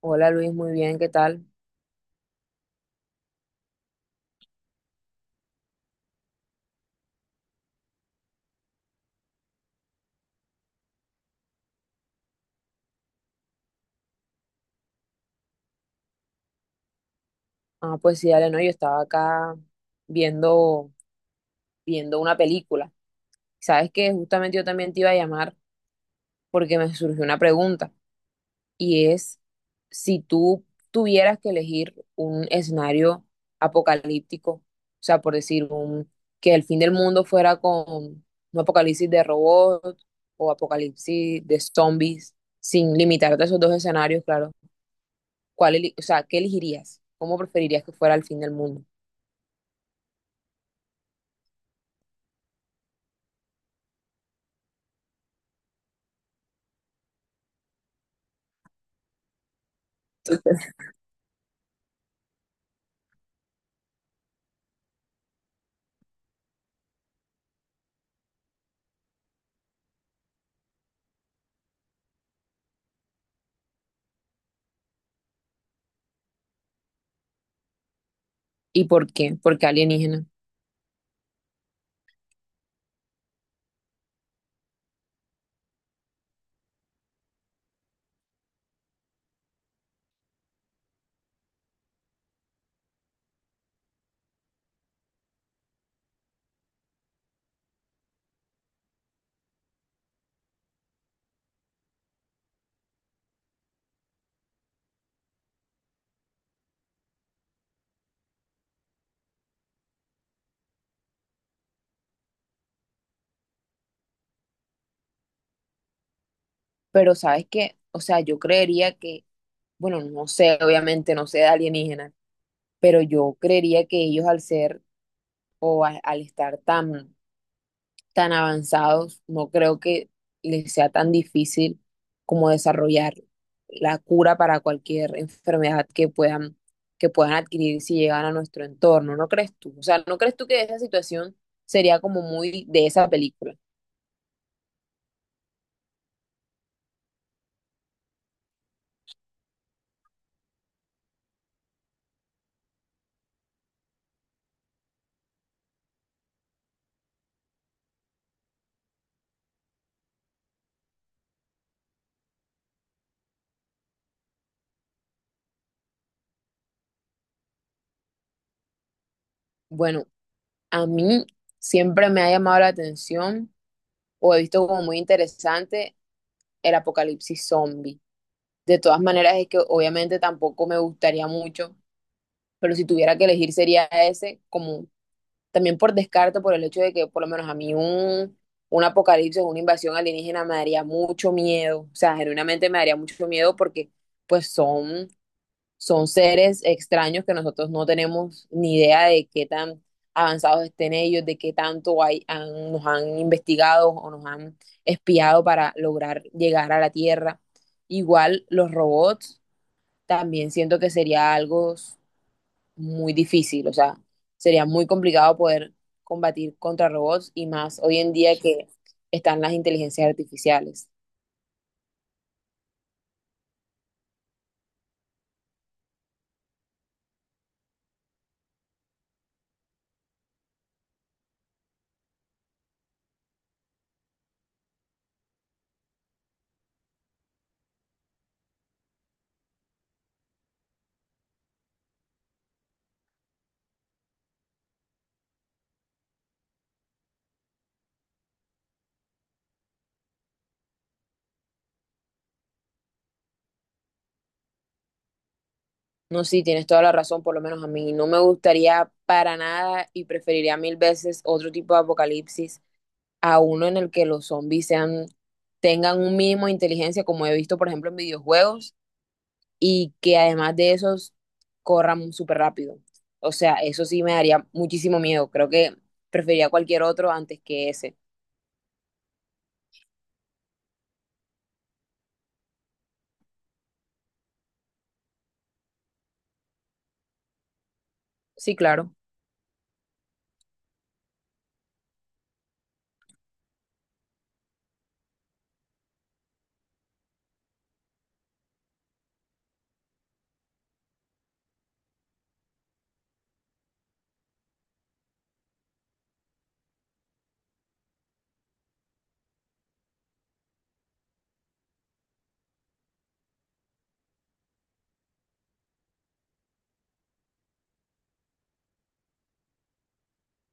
Hola Luis, muy bien, ¿qué tal? Ah, pues sí, dale, no, yo estaba acá viendo, una película. Sabes que justamente yo también te iba a llamar porque me surgió una pregunta, y es si tú tuvieras que elegir un escenario apocalíptico. O sea, por decir un, que el fin del mundo fuera con un apocalipsis de robots o apocalipsis de zombies, sin limitarte a esos dos escenarios, claro, ¿ o sea, ¿qué elegirías? ¿Cómo preferirías que fuera el fin del mundo? ¿Y por qué? Porque alienígena. Pero sabes que, o sea, yo creería que, bueno, no sé, obviamente no sé de alienígena, pero yo creería que ellos al ser al estar tan avanzados, no creo que les sea tan difícil como desarrollar la cura para cualquier enfermedad que que puedan adquirir si llegan a nuestro entorno, ¿no crees tú? O sea, ¿no crees tú que esa situación sería como muy de esa película? Bueno, a mí siempre me ha llamado la atención o he visto como muy interesante el apocalipsis zombie. De todas maneras, es que obviamente tampoco me gustaría mucho, pero si tuviera que elegir sería ese, como también por descarte, por el hecho de que por lo menos a mí un apocalipsis o una invasión alienígena me daría mucho miedo. O sea, genuinamente me daría mucho miedo, porque pues son seres extraños que nosotros no tenemos ni idea de qué tan avanzados estén ellos, de qué tanto nos han investigado o nos han espiado para lograr llegar a la Tierra. Igual los robots también siento que sería algo muy difícil. O sea, sería muy complicado poder combatir contra robots, y más hoy en día que están las inteligencias artificiales. No, sí, tienes toda la razón, por lo menos a mí. No me gustaría para nada, y preferiría mil veces otro tipo de apocalipsis a uno en el que los zombies sean, tengan un mínimo de inteligencia, como he visto, por ejemplo, en videojuegos, y que además de esos corran súper rápido. O sea, eso sí me daría muchísimo miedo. Creo que preferiría cualquier otro antes que ese. Sí, claro.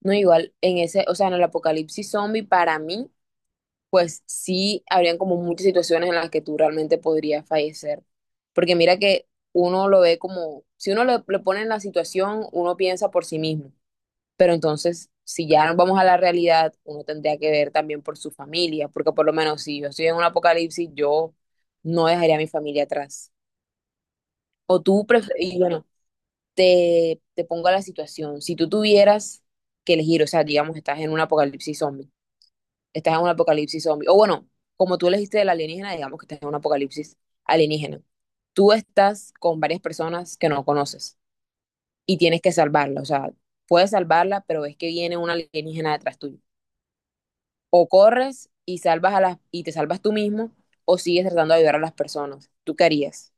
No, igual, en ese, o sea, en el apocalipsis zombie, para mí, pues sí habrían como muchas situaciones en las que tú realmente podrías fallecer. Porque mira que uno lo ve como, si uno le pone en la situación, uno piensa por sí mismo. Pero entonces, si ya nos vamos a la realidad, uno tendría que ver también por su familia, porque por lo menos si yo estoy en un apocalipsis, yo no dejaría a mi familia atrás. Y bueno, te pongo a la situación, si tú tuvieras que elegir, o sea, digamos, estás en un apocalipsis zombie, O bueno, como tú elegiste del alienígena, digamos que estás en un apocalipsis alienígena. Tú estás con varias personas que no conoces y tienes que salvarla. O sea, puedes salvarla, pero ves que viene un alienígena detrás tuyo. O corres y salvas a las y te salvas tú mismo, o sigues tratando de ayudar a las personas. ¿Tú qué harías?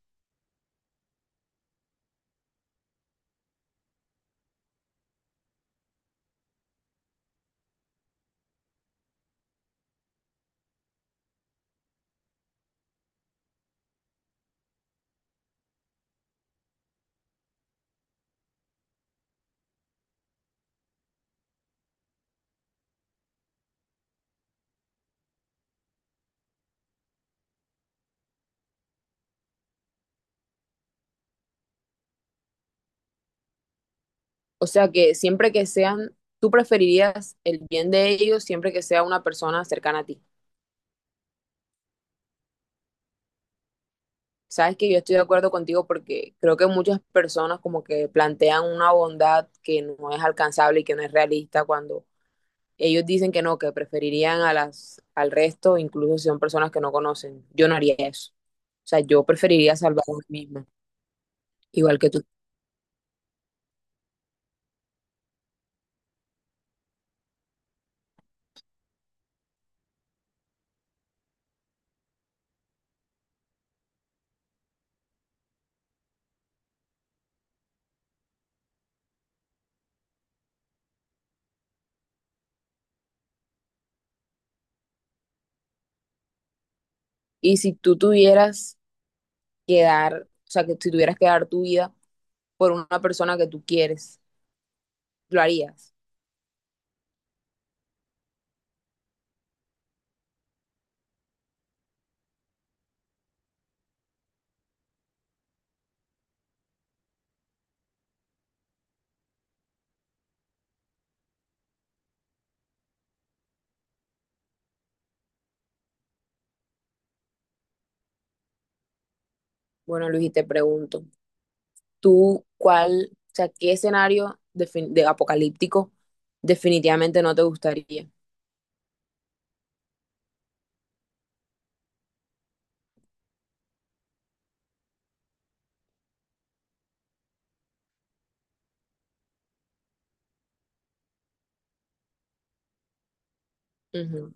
O sea que siempre que sean, tú preferirías el bien de ellos siempre que sea una persona cercana a ti. Sabes que yo estoy de acuerdo contigo, porque creo que muchas personas como que plantean una bondad que no es alcanzable y que no es realista cuando ellos dicen que no, que preferirían a las, al resto, incluso si son personas que no conocen. Yo no haría eso. O sea, yo preferiría salvar a mí misma, igual que tú. Y si tú tuvieras que dar, o sea, que si tuvieras que dar tu vida por una persona que tú quieres, ¿lo harías? Bueno, Luis, y te pregunto, o sea, ¿qué escenario de apocalíptico definitivamente no te gustaría? Ujú.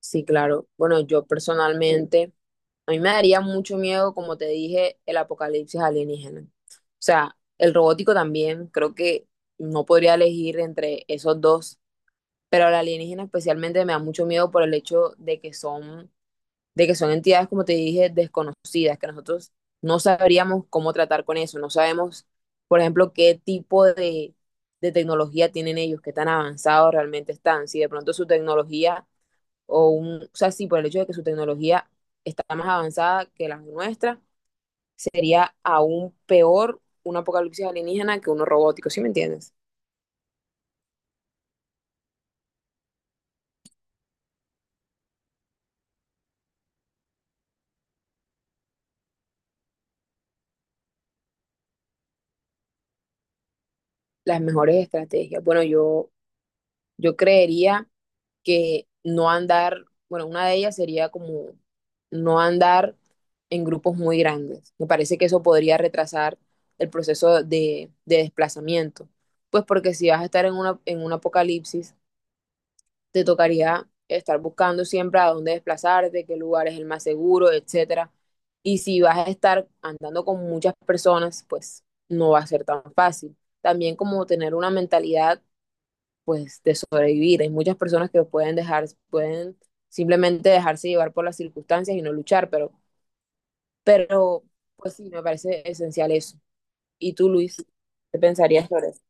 Sí, claro. Bueno, yo personalmente, a mí me daría mucho miedo, como te dije, el apocalipsis alienígena. O sea, el robótico también, creo que no podría elegir entre esos dos, pero el alienígena especialmente me da mucho miedo por el hecho de que son entidades, como te dije, desconocidas, que nosotros no sabríamos cómo tratar con eso, no sabemos, por ejemplo, qué tipo de tecnología tienen ellos, qué tan avanzados realmente están, si de pronto su tecnología o sea, sí, por el hecho de que su tecnología está más avanzada que la nuestra, sería aún peor un apocalipsis alienígena que uno robótico, ¿sí me entiendes? Las mejores estrategias. Bueno, yo creería que no andar, bueno, una de ellas sería como no andar en grupos muy grandes. Me parece que eso podría retrasar el proceso de desplazamiento, pues porque si vas a estar en una, en un apocalipsis, te tocaría estar buscando siempre a dónde desplazarte, qué lugar es el más seguro, etcétera. Y si vas a estar andando con muchas personas, pues no va a ser tan fácil. También como tener una mentalidad pues de sobrevivir. Hay muchas personas que pueden dejar, pueden simplemente dejarse llevar por las circunstancias y no luchar, pero pues sí, me parece esencial eso. ¿Y tú, Luis, qué pensarías sobre eso?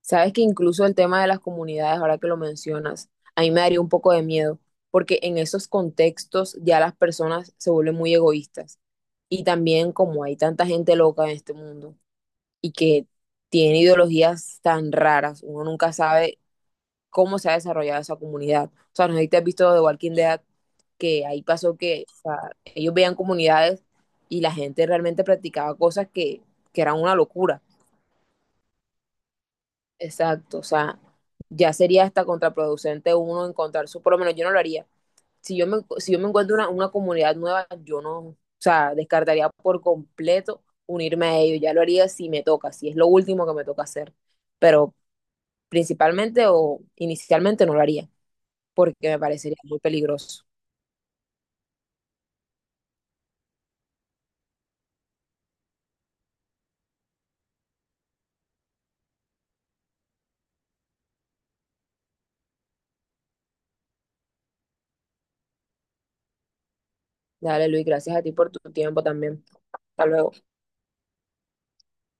Sabes que incluso el tema de las comunidades, ahora que lo mencionas, a mí me daría un poco de miedo, porque en esos contextos ya las personas se vuelven muy egoístas. Y también, como hay tanta gente loca en este mundo y que tiene ideologías tan raras, uno nunca sabe cómo se ha desarrollado esa comunidad. O sea, no sé si te has visto de Walking Dead, que ahí pasó que, o sea, ellos veían comunidades y la gente realmente practicaba cosas que eran una locura. Exacto, o sea, ya sería hasta contraproducente uno encontrar su, por lo menos yo no lo haría. Si yo me encuentro una comunidad nueva, yo no, o sea, descartaría por completo unirme a ellos. Ya lo haría si me toca, si es lo último que me toca hacer. Pero principalmente o inicialmente no lo haría, porque me parecería muy peligroso. Dale, Luis, gracias a ti por tu tiempo también. Hasta luego.